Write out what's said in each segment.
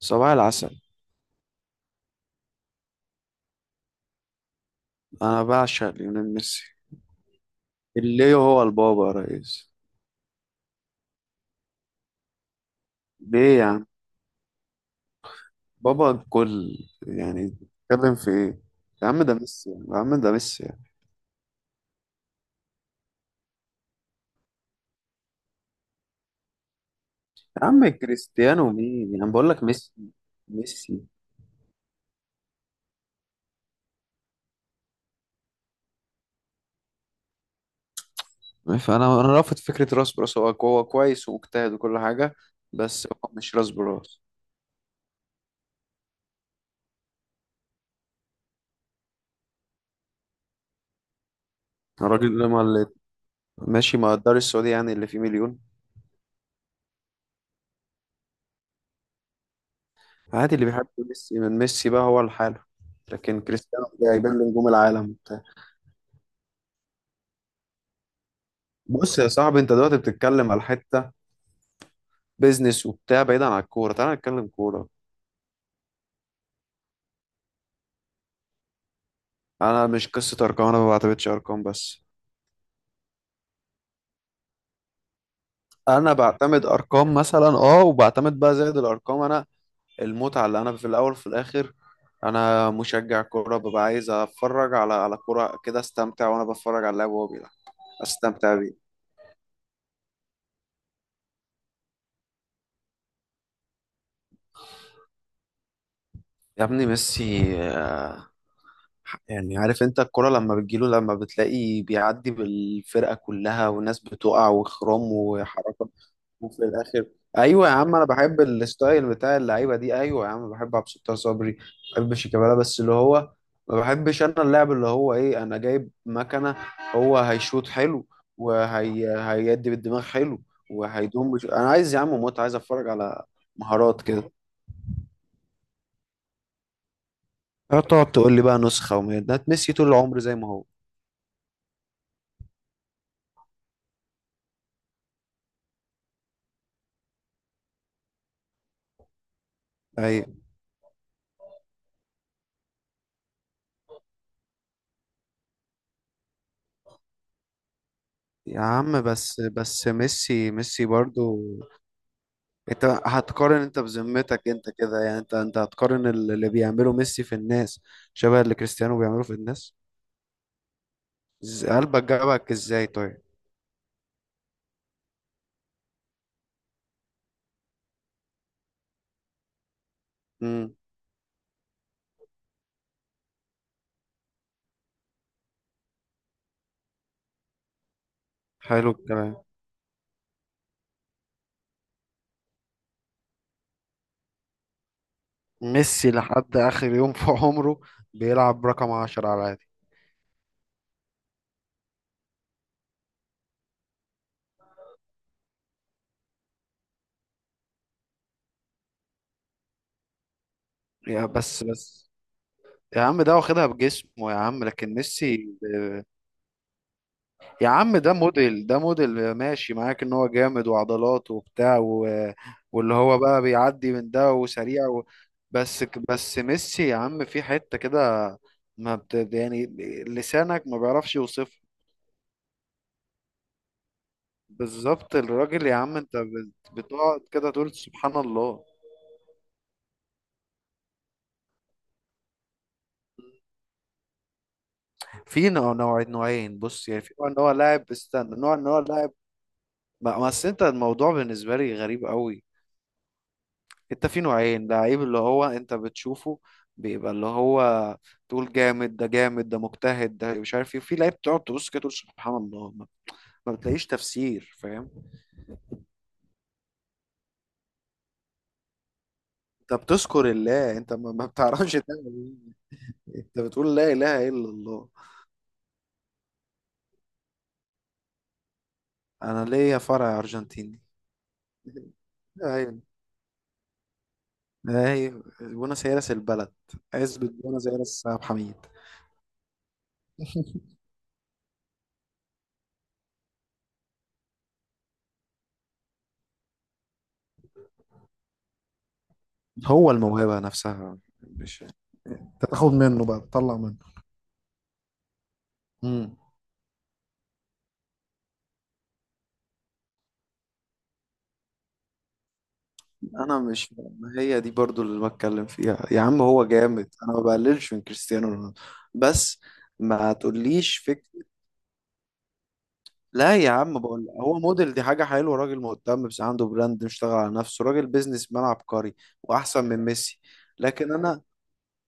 صباح العسل. انا بعشق ليونيل ميسي اللي هو البابا يا ريس. ليه يا عم؟ بابا الكل. يعني بتتكلم في ايه؟ يا عم ده ميسي يا عم ده ميسي يا عم. كريستيانو مين يعني؟ بقول لك ميسي ميسي. فانا انا رافض فكره راس براس. هو هو كويس واجتهد وكل حاجه، بس هو مش راس براس. الراجل اللي ما اللي ماشي مع الدار السعودي، يعني اللي فيه مليون. عادي، اللي بيحب ميسي من ميسي بقى هو لحاله، لكن كريستيانو جايبين له نجوم العالم. بص يا صاحبي، انت دلوقتي بتتكلم على حته بيزنس وبتاع بعيد عن الكوره. تعال نتكلم كوره. انا مش قصه ارقام، انا ما بعتمدش ارقام بس. انا بعتمد ارقام مثلا، اه، وبعتمد بقى زائد الارقام انا المتعه، اللي انا في الاول وفي الاخر انا مشجع كوره. ببقى عايز اتفرج على كوره كده، استمتع وانا بتفرج على اللاعب وهو بيلعب. استمتع بيه. يا ابني ميسي، يعني عارف انت الكرة لما بتجيله لما بتلاقي بيعدي بالفرقة كلها والناس بتقع وخرام وحركات وفي الاخر. ايوه يا عم، انا بحب الستايل بتاع اللعيبه دي. ايوه يا عم، بحب عبد الستار صبري، بحب شيكابالا. بس اللي هو ما بحبش انا اللعب اللي هو ايه، انا جايب مكنه هو هيشوط حلو وهي هيدي بالدماغ حلو انا عايز يا عم متعه، عايز اتفرج على مهارات كده. لا تقعد تقول لي بقى نسخه وميادات. ميسي طول العمر زي ما هو. ايوه يا عم، بس بس ميسي ميسي برضو. انت هتقارن؟ انت بذمتك انت كده، يعني انت هتقارن اللي بيعمله ميسي في الناس شبه اللي كريستيانو بيعمله في الناس؟ قلبك جابك ازاي طيب؟ امم حلو الكلام. ميسي لحد اخر يوم في عمره بيلعب رقم 10 على العادي. يا بس بس، يا عم ده واخدها بجسمه يا عم، لكن ميسي. يا عم ده موديل، ده موديل ماشي معاك ان هو جامد وعضلات وبتاع و... واللي هو بقى بيعدي من ده وسريع و... بس بس ميسي يا عم في حتة كده، ما بت... يعني لسانك ما بيعرفش يوصفها. بالظبط الراجل يا عم انت بتقعد كده تقول سبحان الله. في نوعين. بص يعني في نوع ان هو لاعب، استنى، نوع ان هو لاعب. بس انت الموضوع بالنسبة لي غريب قوي. انت في نوعين لعيب، اللي هو انت بتشوفه بيبقى اللي هو تقول جامد، ده جامد، ده مجتهد، ده مش عارف ايه، وفي لعيب تقعد تبص كده تقول سبحان الله. ما بتلاقيش تفسير، فاهم؟ انت بتذكر الله، انت ما بتعرفش تعمل ايه. انت بتقول لا اله الا الله. انا ليا فرع ارجنتيني. ايوه، ايوه، بوينس ايرس البلد. عزبة بوينس ايرس عبد الحميد. هو الموهبة نفسها مش... انت تاخد منه بقى تطلع منه. مم. انا مش... ما هي دي برضو اللي بتكلم فيها يا عم. هو جامد، انا ما بقللش من كريستيانو رونالدو، بس ما تقوليش فك. لا يا عم، بقول هو موديل. دي حاجه حلوه، راجل مهتم، بس عنده براند، مشتغل على نفسه، راجل بيزنس مان عبقري. واحسن من ميسي؟ لكن انا...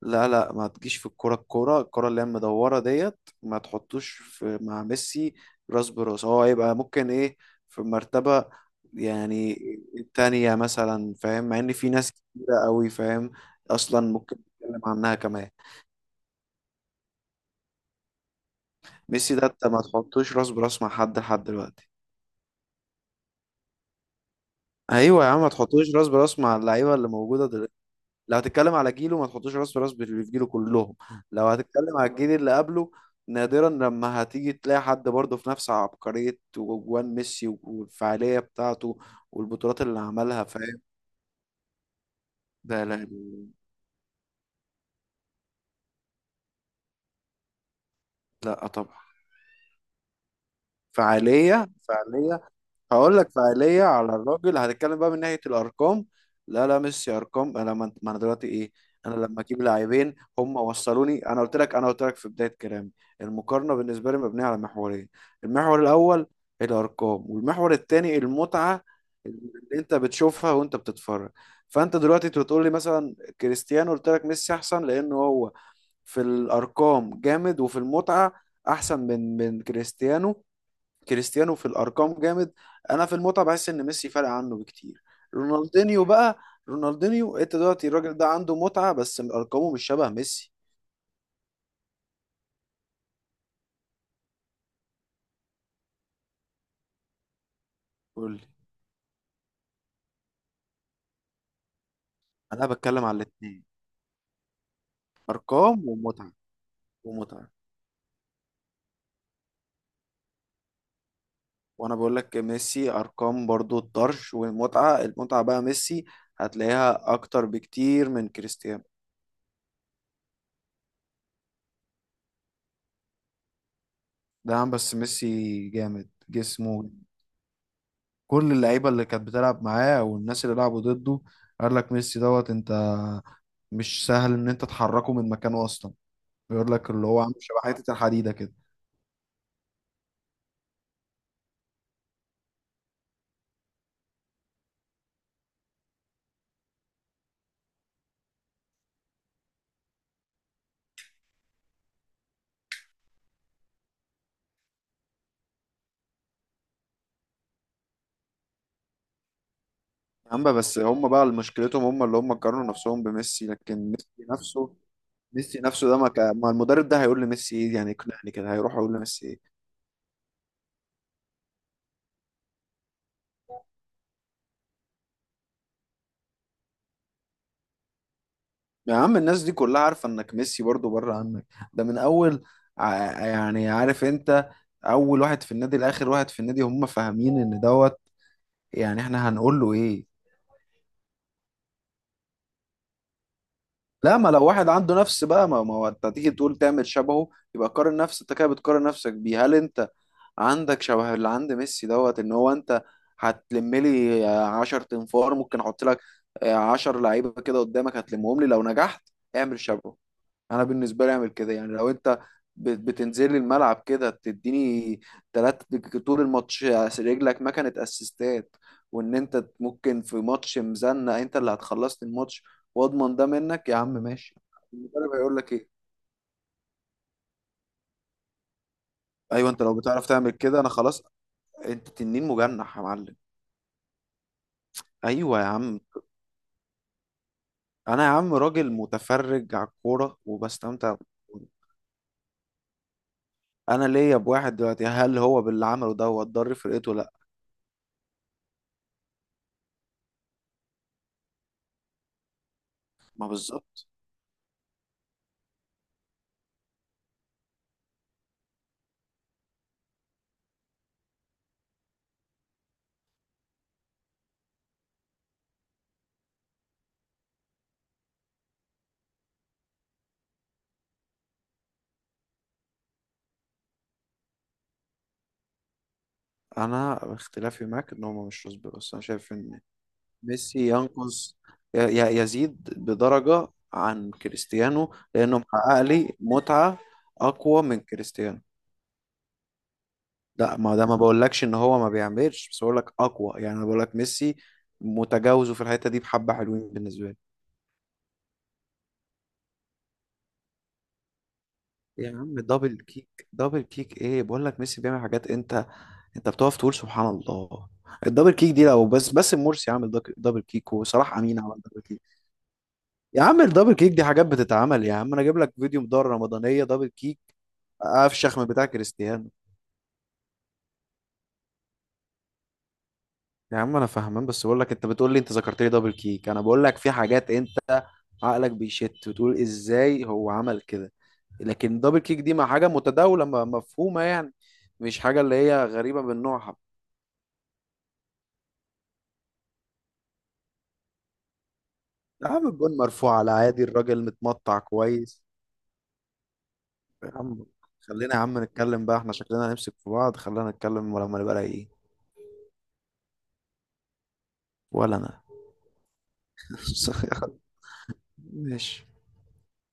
لا لا، ما تجيش في الكرة، الكرة، الكرة اللي هي المدورة ديت، ما تحطوش في مع ميسي راس براس. هو هيبقى ممكن ايه؟ في مرتبة، يعني التانية مثلا، فاهم، مع ان في ناس كتيرة قوي، فاهم، اصلا ممكن نتكلم عنها كمان. ميسي ده انت ما تحطوش راس براس مع حد لحد دلوقتي. ايوه يا عم، ما تحطوش راس براس مع اللعيبة اللي موجودة. لو هتتكلم على جيله، ما تحطش راس براس باللي في جيله كلهم. لو هتتكلم على الجيل اللي قبله، نادرا لما هتيجي تلاقي حد برضه في نفس عبقرية وجوان ميسي والفعالية بتاعته والبطولات اللي عملها، فاهم. ده لا، لا طبعا. فعالية فعالية. هقول لك فعالية، على الراجل هنتكلم بقى من ناحية الأرقام. لا لا، ميسي أرقام. أنا ما أنا دلوقتي إيه. أنا لما أجيب لاعبين هم وصلوني، أنا قلت لك، أنا قلت لك في بداية كلامي، المقارنة بالنسبة لي مبنية على محورين. المحور الأول الأرقام، والمحور الثاني المتعة اللي أنت بتشوفها وأنت بتتفرج. فأنت دلوقتي بتقول لي مثلا كريستيانو، قلت لك ميسي أحسن لأنه هو في الأرقام جامد، وفي المتعة أحسن من كريستيانو. كريستيانو في الارقام جامد. انا في المتعه بحس ان ميسي فارق عنه بكتير. رونالدينيو بقى، رونالدينيو، انت دلوقتي الراجل ده عنده متعه، بس ارقامه مش شبه ميسي. قول لي. انا بتكلم على الاثنين. ارقام ومتعه، ومتعه. وانا بقول لك ميسي ارقام برضو الطرش، والمتعه، المتعه بقى ميسي هتلاقيها اكتر بكتير من كريستيانو. ده عم بس ميسي جامد جسمه. كل اللعيبه اللي كانت بتلعب معاه والناس اللي لعبوا ضده قال لك ميسي دوت. انت مش سهل ان انت تحركه من مكانه اصلا. يقول لك اللي هو عامل شبه حته الحديده كده. اما بس هم بقى مشكلتهم، هم اللي هم قارنوا نفسهم بميسي، لكن ميسي نفسه. ميسي نفسه ده ما المدرب ده هيقول لميسي ايه يعني يقنعني كده؟ هيروح يقول لميسي ايه؟ يا عم الناس دي كلها عارفه انك ميسي برضو بره عنك. ده من اول، يعني عارف انت، اول واحد في النادي لاخر واحد في النادي هم فاهمين ان دوت. يعني احنا هنقول له ايه؟ لا، ما لو واحد عنده نفس بقى، ما هو انت تيجي تقول تعمل شبهه. يبقى قارن نفسك. انت كده بتقارن نفسك بيه. هل انت عندك شبه اللي عند ميسي دوت ان هو انت هتلم لي 10 تنفار؟ ممكن احط لك 10 لعيبه كده قدامك، هتلمهم لي لو نجحت؟ اعمل شبهه. انا بالنسبه لي اعمل كده يعني. لو انت بتنزل لي الملعب كده، تديني ثلاثة طول الماتش رجلك ما كانت اسيستات، وان انت ممكن في ماتش مزنق انت اللي هتخلصني الماتش، واضمن ده منك يا عم، ماشي. المدرب هيقول لك ايه؟ ايوه انت لو بتعرف تعمل كده انا خلاص. انت تنين مجنح يا معلم. ايوه يا عم. انا يا عم راجل متفرج على الكوره وبستمتع بالكورة. انا ليا بواحد دلوقتي، هل هو باللي عمله ده هو ضر فرقته؟ لا. ما بالظبط. انا اختلافي معاك ان هما مش رسبي، بس انا شايف ان ميسي ينقص يزيد بدرجة عن كريستيانو لانه محقق لي متعة اقوى من كريستيانو. لا، ما ده ما بقولكش ان هو ما بيعملش، بس بقولك اقوى، يعني انا بقولك ميسي متجاوزه في الحتة دي بحبة حلوين بالنسبة لي. يا عم دبل كيك، دبل كيك ايه؟ بقولك ميسي بيعمل حاجات انت انت بتقف تقول سبحان الله. الدبل كيك دي لو بس باسم مرسي عامل دبل كيك وصلاح امين عمل دبل كيك. يا عم الدبل كيك دي حاجات بتتعمل يا عم، انا اجيب لك فيديو مدار رمضانيه دبل كيك افشخ من بتاع كريستيانو. يا عم انا فاهمان، بس بقول لك انت بتقول لي، انت ذكرت لي دبل كيك، انا بقول لك في حاجات انت عقلك بيشت وتقول ازاي هو عمل كده. لكن دبل كيك دي مع حاجه متداوله، مفهومه، يعني مش حاجه اللي هي غريبه من نوعها. يا عم الجون مرفوع على عادي، الراجل متمطع كويس. يا عم خلينا يا عم نتكلم بقى، احنا شكلنا هنمسك في بعض، خلينا نتكلم لما نبقى رايقين. ولا انا. ماشي.